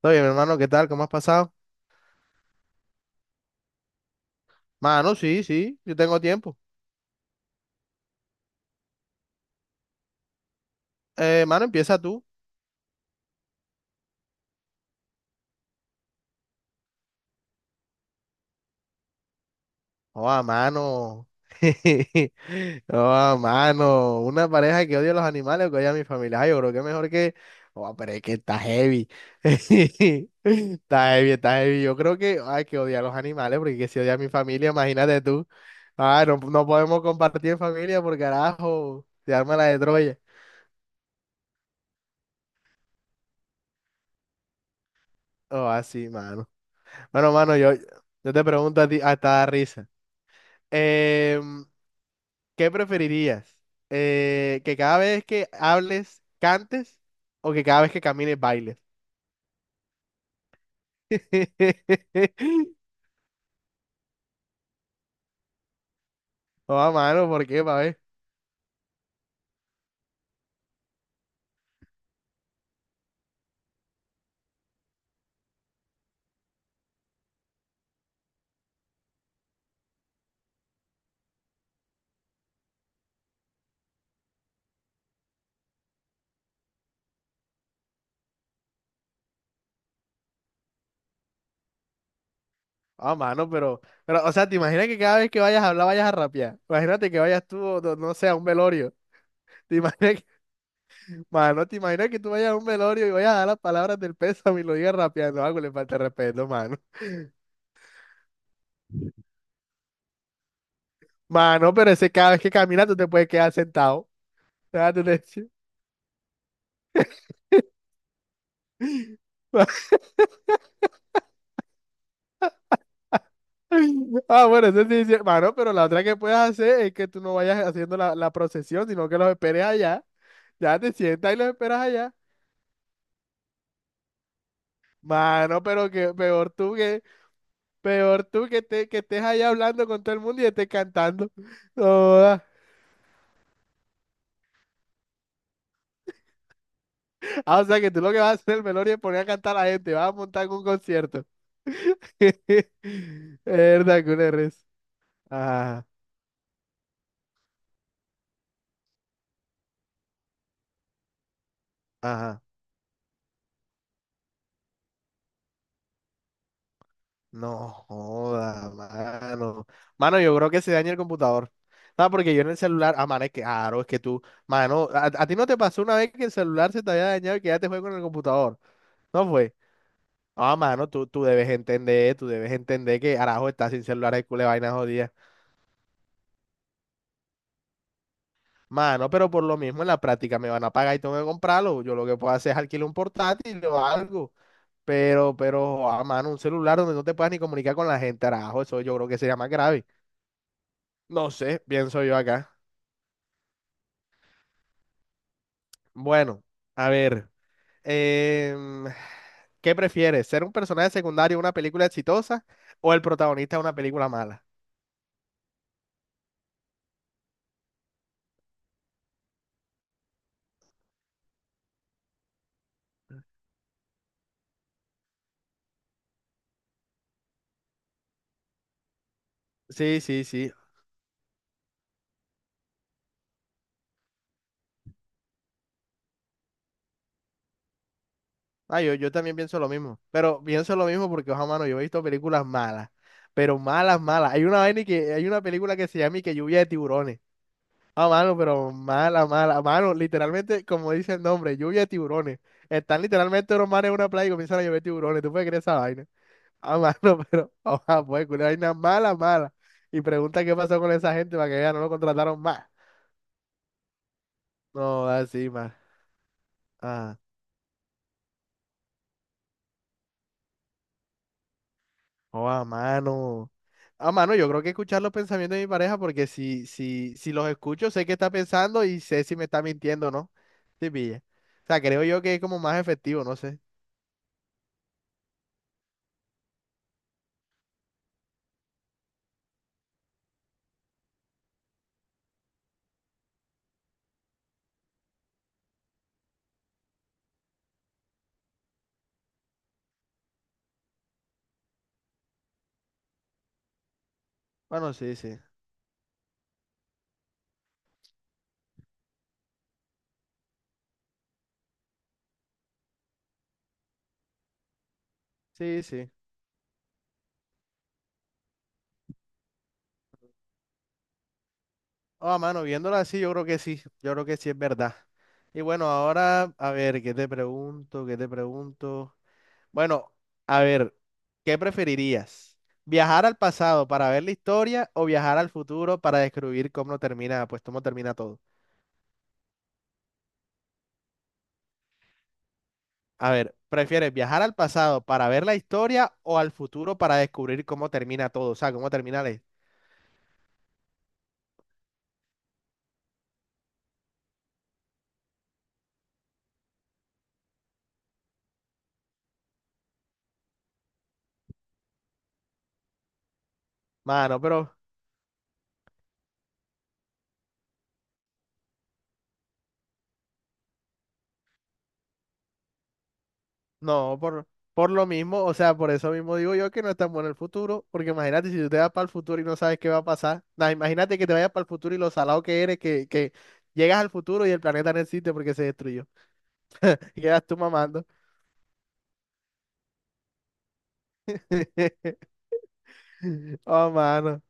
Todo bien, mi hermano, ¿qué tal? ¿Cómo has pasado? Mano, sí, sí, yo tengo tiempo. Mano, empieza tú. Oh, a mano. Oh, a mano. Una pareja que odia a los animales o que odia a mi familia. Ay, yo creo que mejor que. Oh, pero es que está heavy. Está heavy, está heavy. Yo creo que hay que odiar a los animales porque que si odia a mi familia, imagínate tú. Ah, no, no podemos compartir en familia porque carajo, se arma la de Troya. Oh, así, mano. Bueno, mano, yo te pregunto a ti, hasta da risa. Em, ¿Qué preferirías? ¿Que cada vez que hables cantes o que cada vez que camines bailes? Oh, a mano, ¿por qué, pa' ver? Oh, mano, pero, o sea, ¿te imaginas que cada vez que vayas a hablar vayas a rapear? Imagínate que vayas tú, o no, no sé, a un velorio. ¿Te imaginas que, mano, ¿te imaginas que tú vayas a un velorio y vayas a dar las palabras del pésame y lo digas rapeando? Algo le falta de respeto, mano. Mano, pero ese cada vez que caminas tú te puedes quedar sentado. Déjate de- decir. Ah, bueno, eso sí, es cier- mano, pero la otra que puedes hacer es que tú no vayas haciendo la procesión, sino que los esperes allá. Ya te sientas y los esperas allá. Mano, pero que peor tú que, peor tú que, te, que estés allá hablando con todo el mundo y estés cantando. No joda. Ah, o sea que tú lo que vas a hacer en el velorio es poner a cantar a la gente, vas a montar un concierto. Verdad, que una res. Ajá, ajá. No joda, mano. Mano, yo creo que se daña el computador. No, porque yo en el celular, ah, mano, es que, claro, es que tú, mano, a ti no te pasó una vez que el celular se te había dañado y que ya te fue con el computador. No fue. Ah, mano, tú debes entender, tú debes entender que Arajo está sin celular, es cule vaina jodida. Mano, pero por lo mismo en la práctica me van a pagar y tengo que comprarlo. Yo lo que puedo hacer es alquilar un portátil o algo. Pero, ah, mano, un celular donde no te puedas ni comunicar con la gente, Arajo, eso yo creo que sería más grave. No sé, pienso yo acá. Bueno, a ver, em, ¿qué prefieres? ¿Ser un personaje secundario en una película exitosa o el protagonista de una película mala? Sí, sí, sí. Ah, yo también pienso lo mismo, pero pienso lo mismo porque, ojo, mano, yo he visto películas malas, pero malas, malas. Hay una vaina que, hay una película que se llama y que Lluvia de Tiburones. Ah, mano, pero mala, mala, mano, literalmente, como dice el nombre, Lluvia de Tiburones. Están literalmente los manes en una playa y comienzan a llover tiburones. ¿Tú puedes creer esa vaina? Ah, mano, pero, ojalá, pues, culo, vaina mala, mala. Y pregunta qué pasó con esa gente para que ya no lo contrataron más. No, así, más. Ah, oh, a mano. Ah, mano, yo creo que escuchar los pensamientos de mi pareja, porque si los escucho, sé qué está pensando y sé si me está mintiendo o no. Sí, pilla. O sea, creo yo que es como más efectivo, no sé. Bueno, sí, sí. Sí, sí. Ah, mano, viéndolo así, yo creo que sí. Yo creo que sí es verdad. Y bueno, ahora, a ver, ¿qué te pregunto? ¿Qué te pregunto? Bueno, a ver, ¿qué preferirías? ¿Viajar al pasado para ver la historia o viajar al futuro para descubrir cómo termina, pues cómo termina todo? A ver, ¿prefieres viajar al pasado para ver la historia o al futuro para descubrir cómo termina todo? O sea, cómo termina la... Mano, pero no, por lo mismo, o sea, por eso mismo digo yo que no es tan bueno el futuro, porque imagínate si tú te vas para el futuro y no sabes qué va a pasar. Nah, imagínate que te vayas para el futuro y lo salado que eres, que llegas al futuro y el planeta no existe porque se destruyó. Y quedas tú mamando. Oh, mano.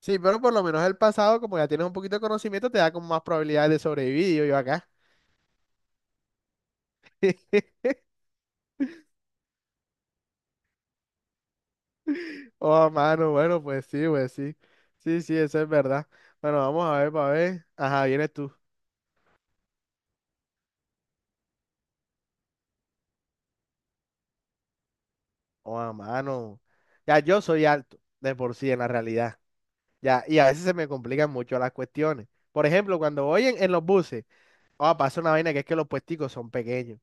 Sí, pero por lo menos el pasado, como ya tienes un poquito de conocimiento, te da como más probabilidades de sobrevivir, digo yo acá. Oh, mano, bueno, pues sí, pues sí. Sí, sí, eso es verdad. Bueno, vamos a ver, para ver. Ajá, vienes tú. Oh, mano. Ya, yo soy alto, de por sí, en la realidad. Ya, y a veces se me complican mucho las cuestiones. Por ejemplo, cuando voy en los buses, oh, pasa una vaina que es que los puesticos son pequeños.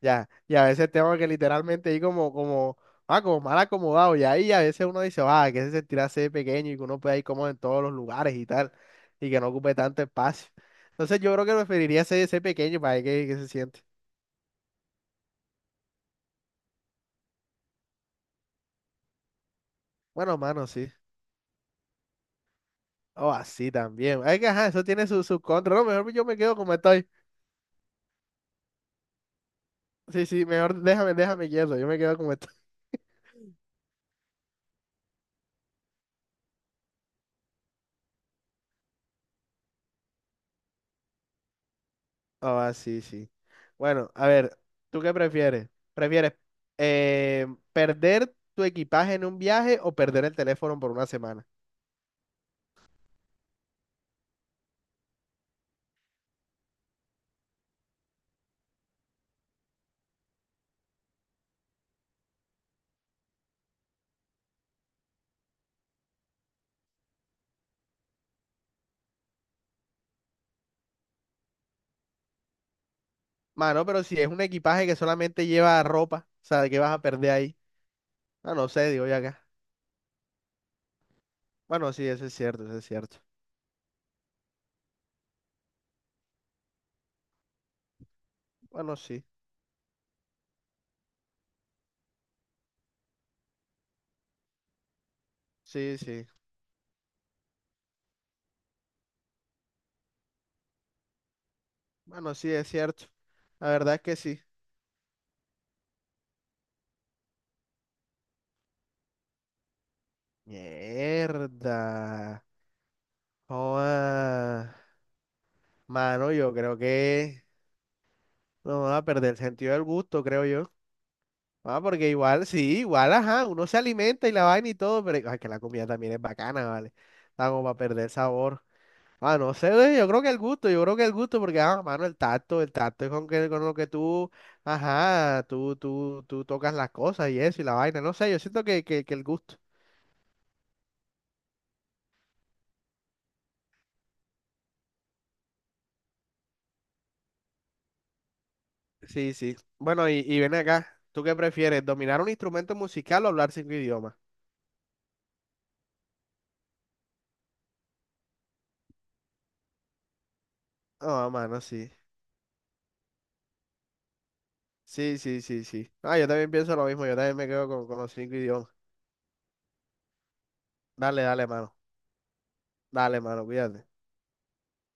Ya, y a veces tengo que literalmente ir ah, como mal acomodado, y ahí a veces uno dice, ah, que se sentirá ser pequeño y que uno pueda ir como en todos los lugares y tal, y que no ocupe tanto espacio. Entonces yo creo que preferiría ser pequeño para ver qué se siente. Bueno, mano, sí. O así también. Es que, ajá, eso tiene sus sus contras. No, mejor yo me quedo como estoy. Sí, sí, mejor déjame quieto, yo me quedo como estoy. Ah, sí, sí. Bueno, a ver, ¿tú qué prefieres? ¿Prefieres eh, perder tu equipaje en un viaje o perder el teléfono por una semana? Mano, pero si es un equipaje que solamente lleva ropa, o sea, ¿qué vas a perder ahí? Ah, no sé, digo yo acá. Bueno, sí, eso es cierto, eso es cierto. Bueno, sí, sí, sí. Bueno, sí, es cierto. La verdad es que sí. Mierda. Joda. Mano, yo creo que no va a perder el sentido del gusto, creo. Ah, porque igual, sí, igual, ajá, uno se alimenta y la vaina y todo, pero ay, que la comida también es bacana, ¿vale? Está como para perder sabor. Ah, no sé, ve, yo creo que el gusto, yo creo que el gusto, porque, ah, mano, el tacto es con, que, con lo que tú, ajá, tú tocas las cosas y eso y la vaina, no sé, yo siento que el gusto. Sí, sí. Bueno, y ven acá, ¿tú qué prefieres, dominar un instrumento musical o hablar 5 idiomas? Ah, mano, sí. Sí, sí, sí, sí. Ah, yo también pienso lo mismo, yo también me quedo con los 5 idiomas. Dale, dale, mano. Dale, mano, cuídate.